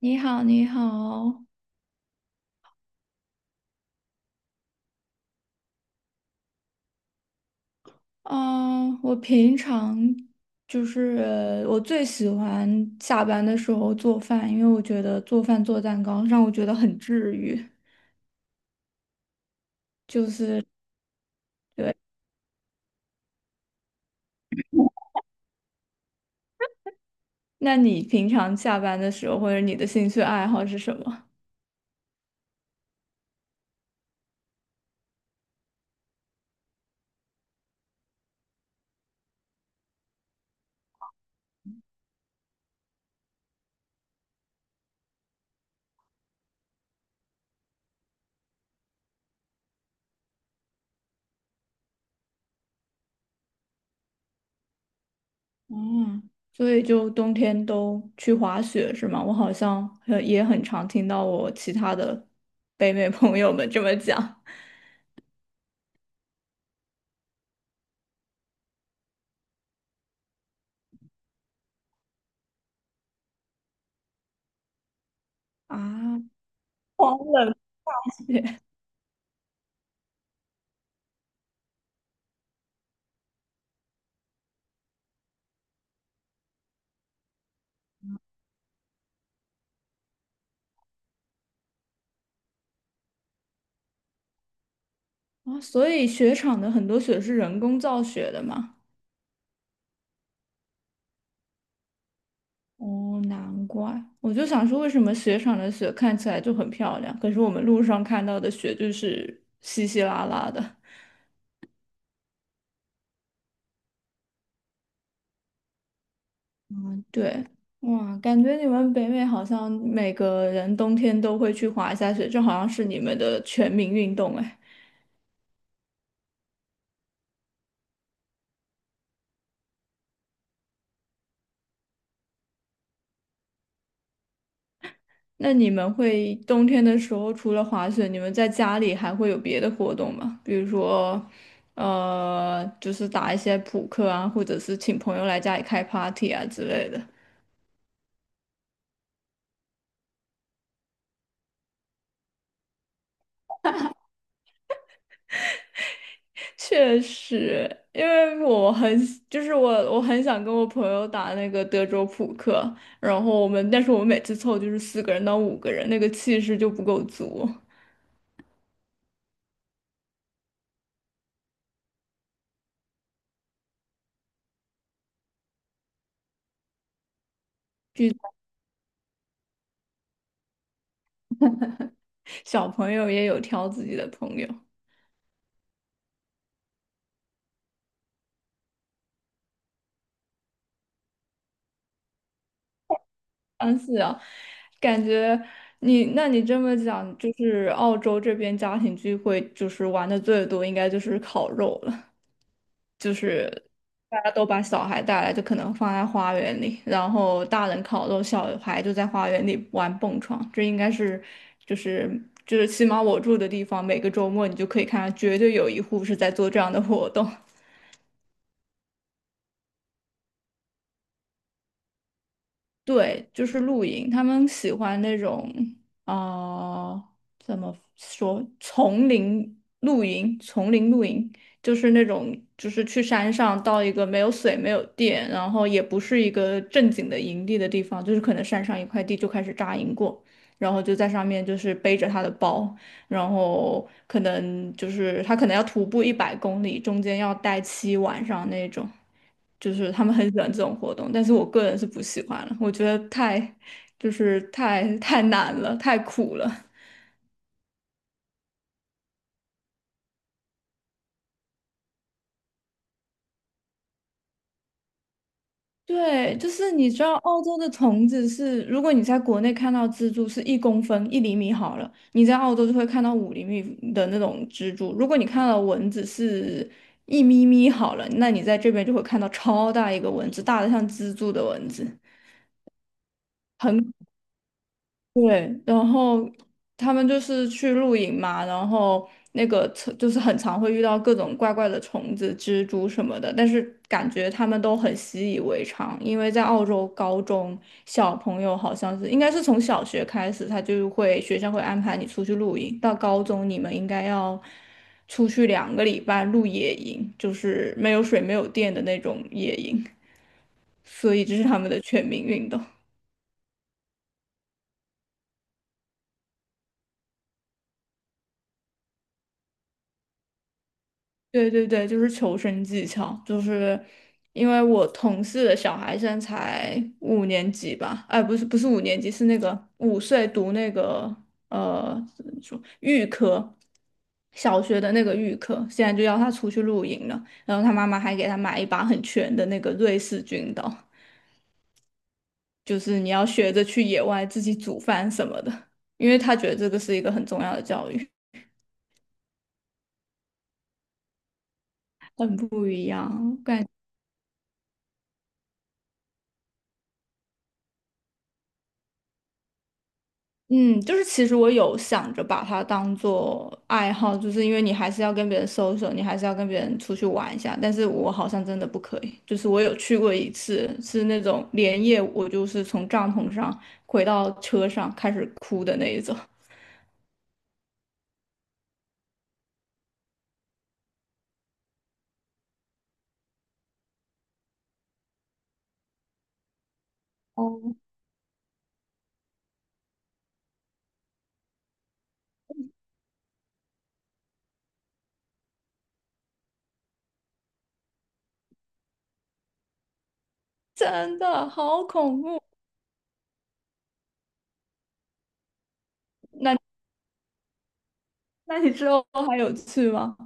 你好，你好。嗯、我平常我最喜欢下班的时候做饭，因为我觉得做饭做蛋糕让我觉得很治愈。就是对，那你平常下班的时候或者你的兴趣爱好是什么？嗯，所以就冬天都去滑雪是吗？我好像也很常听到我其他的北美朋友们这么讲啊，对啊，所以雪场的很多雪是人工造雪的嘛。哦，难怪，我就想说，为什么雪场的雪看起来就很漂亮，可是我们路上看到的雪就是稀稀拉拉的。对，哇，感觉你们北美好像每个人冬天都会去滑一下雪，这好像是你们的全民运动哎。那你们会冬天的时候除了滑雪，你们在家里还会有别的活动吗？比如说，就是打一些扑克啊，或者是请朋友来家里开 party 啊之类的。确实，因为我很喜就是我很想跟我朋友打那个德州扑克，然后我们每次凑就是4个人到5个人，那个气势就不够足。小朋友也有挑自己的朋友，但是啊，感觉你这么讲，就是澳洲这边家庭聚会就是玩的最多，应该就是烤肉了。大家都把小孩带来，就可能放在花园里，然后大人烤肉，小孩就在花园里玩蹦床。这应该是，就是就是，起码我住的地方，每个周末你就可以看到，绝对有一户是在做这样的活动。对，就是露营，他们喜欢那种啊，呃怎么说，丛林露营，丛林露营就是那种，就是去山上到一个没有水、没有电，然后也不是一个正经的营地的地方，就是可能山上一块地就开始扎营过，然后就在上面就是背着他的包，然后可能就是他可能要徒步100公里，中间要待7晚上那种。就是他们很喜欢这种活动，但是我个人是不喜欢了，我觉得太太难了，太苦了。对，就是你知道澳洲的虫子是，如果你在国内看到蜘蛛是1公分1厘米好了，你在澳洲就会看到5厘米的那种蜘蛛。如果你看到蚊子是一咪咪好了，那你在这边就会看到超大一个蚊子，大的像蜘蛛的蚊子。很。对，然后他们就是去露营嘛，然后那个车就是很常会遇到各种怪怪的虫子、蜘蛛什么的，但是感觉他们都很习以为常，因为在澳洲高中小朋友好像是应该是从小学开始，他就会学校会安排你出去露营，到高中你们应该要出去2个礼拜露野营，就是没有水、没有电的那种野营，所以这是他们的全民运动。对对对，就是求生技巧，就是因为我同事的小孩现在才五年级吧，哎，不是五年级，是那个5岁读那个呃怎么说预科，小学的那个预科，现在就要他出去露营了，然后他妈妈还给他买一把很全的那个瑞士军刀，就是你要学着去野外自己煮饭什么的，因为他觉得这个是一个很重要的教育，很不一样，感。嗯，就是其实我有想着把它当做爱好，就是因为你还是要跟别人 social，你还是要跟别人出去玩一下。但是我好像真的不可以，就是我有去过一次，是那种连夜我就是从帐篷上回到车上开始哭的那一种。哦，真的好恐怖。那那你之后还有去吗？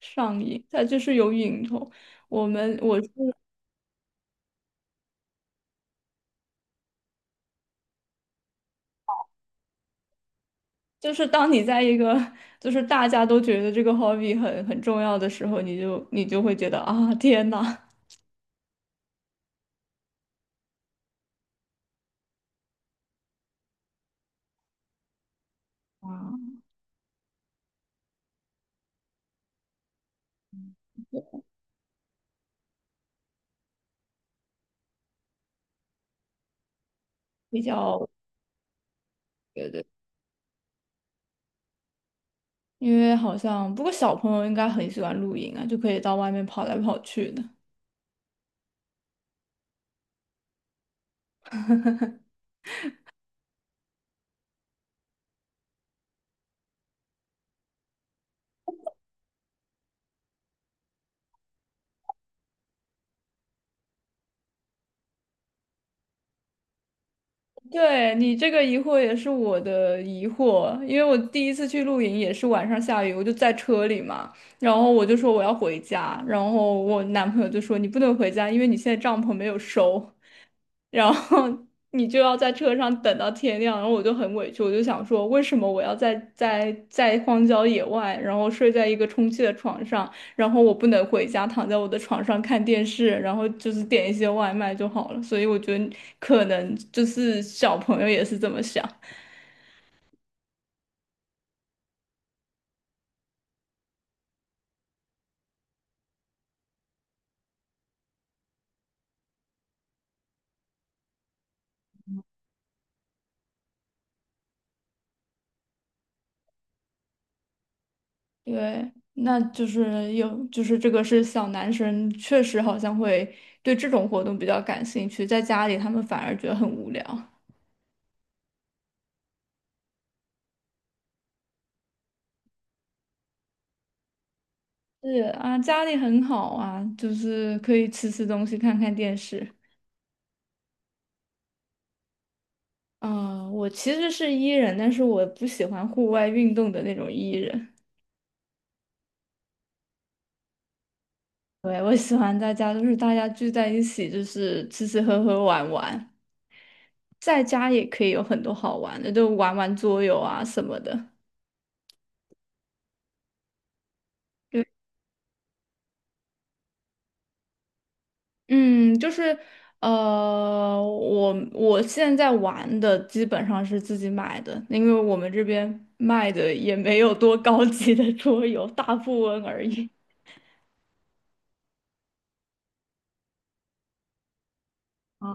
上瘾，它就是有瘾头。我们我是就是当你在一个就是大家都觉得这个 hobby 很重要的时候，你就会觉得啊，天呐。啊，比较对对，因为好像不过小朋友应该很喜欢露营啊，就可以到外面跑来跑去的。对你这个疑惑也是我的疑惑，因为我第一次去露营也是晚上下雨，我就在车里嘛，然后我就说我要回家，然后我男朋友就说你不能回家，因为你现在帐篷没有收。然后你就要在车上等到天亮，然后我就很委屈，我就想说，为什么我要在荒郊野外，然后睡在一个充气的床上，然后我不能回家躺在我的床上看电视，然后就是点一些外卖就好了。所以我觉得可能就是小朋友也是这么想，对，那就是这个是小男生确实好像会对这种活动比较感兴趣，在家里他们反而觉得很无聊。是啊，家里很好啊，就是可以吃吃东西，看看电视。我其实是 E 人，但是我不喜欢户外运动的那种 E 人。对，我喜欢在家，就是大家聚在一起，就是吃吃喝喝玩玩，在家也可以有很多好玩的，就玩玩桌游啊什么的。对。嗯，就是我现在玩的基本上是自己买的，因为我们这边卖的也没有多高级的桌游，大富翁而已。啊，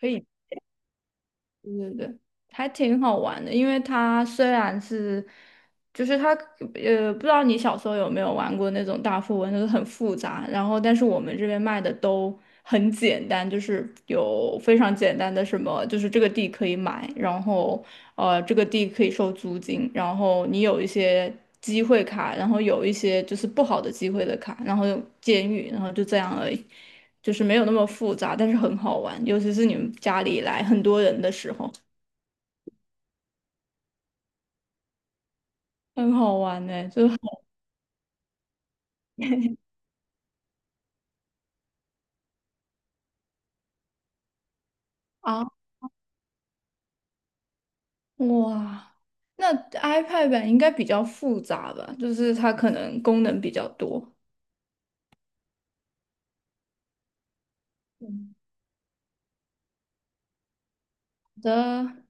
可以。对对对，还挺好玩的，因为它虽然是，就是它，呃，不知道你小时候有没有玩过那种大富翁，就是很复杂，然后我们这边卖的都很简单，就是有非常简单的什么，就是这个地可以买，然后这个地可以收租金，然后你有一些机会卡，然后有一些就是不好的机会的卡，然后有监狱，然后就这样而已。就是没有那么复杂，但是很好玩，尤其是你们家里来很多人的时候，很好玩呢、就是很啊，哇，那 iPad 版应该比较复杂吧，就是它可能功能比较多。嗯，好的。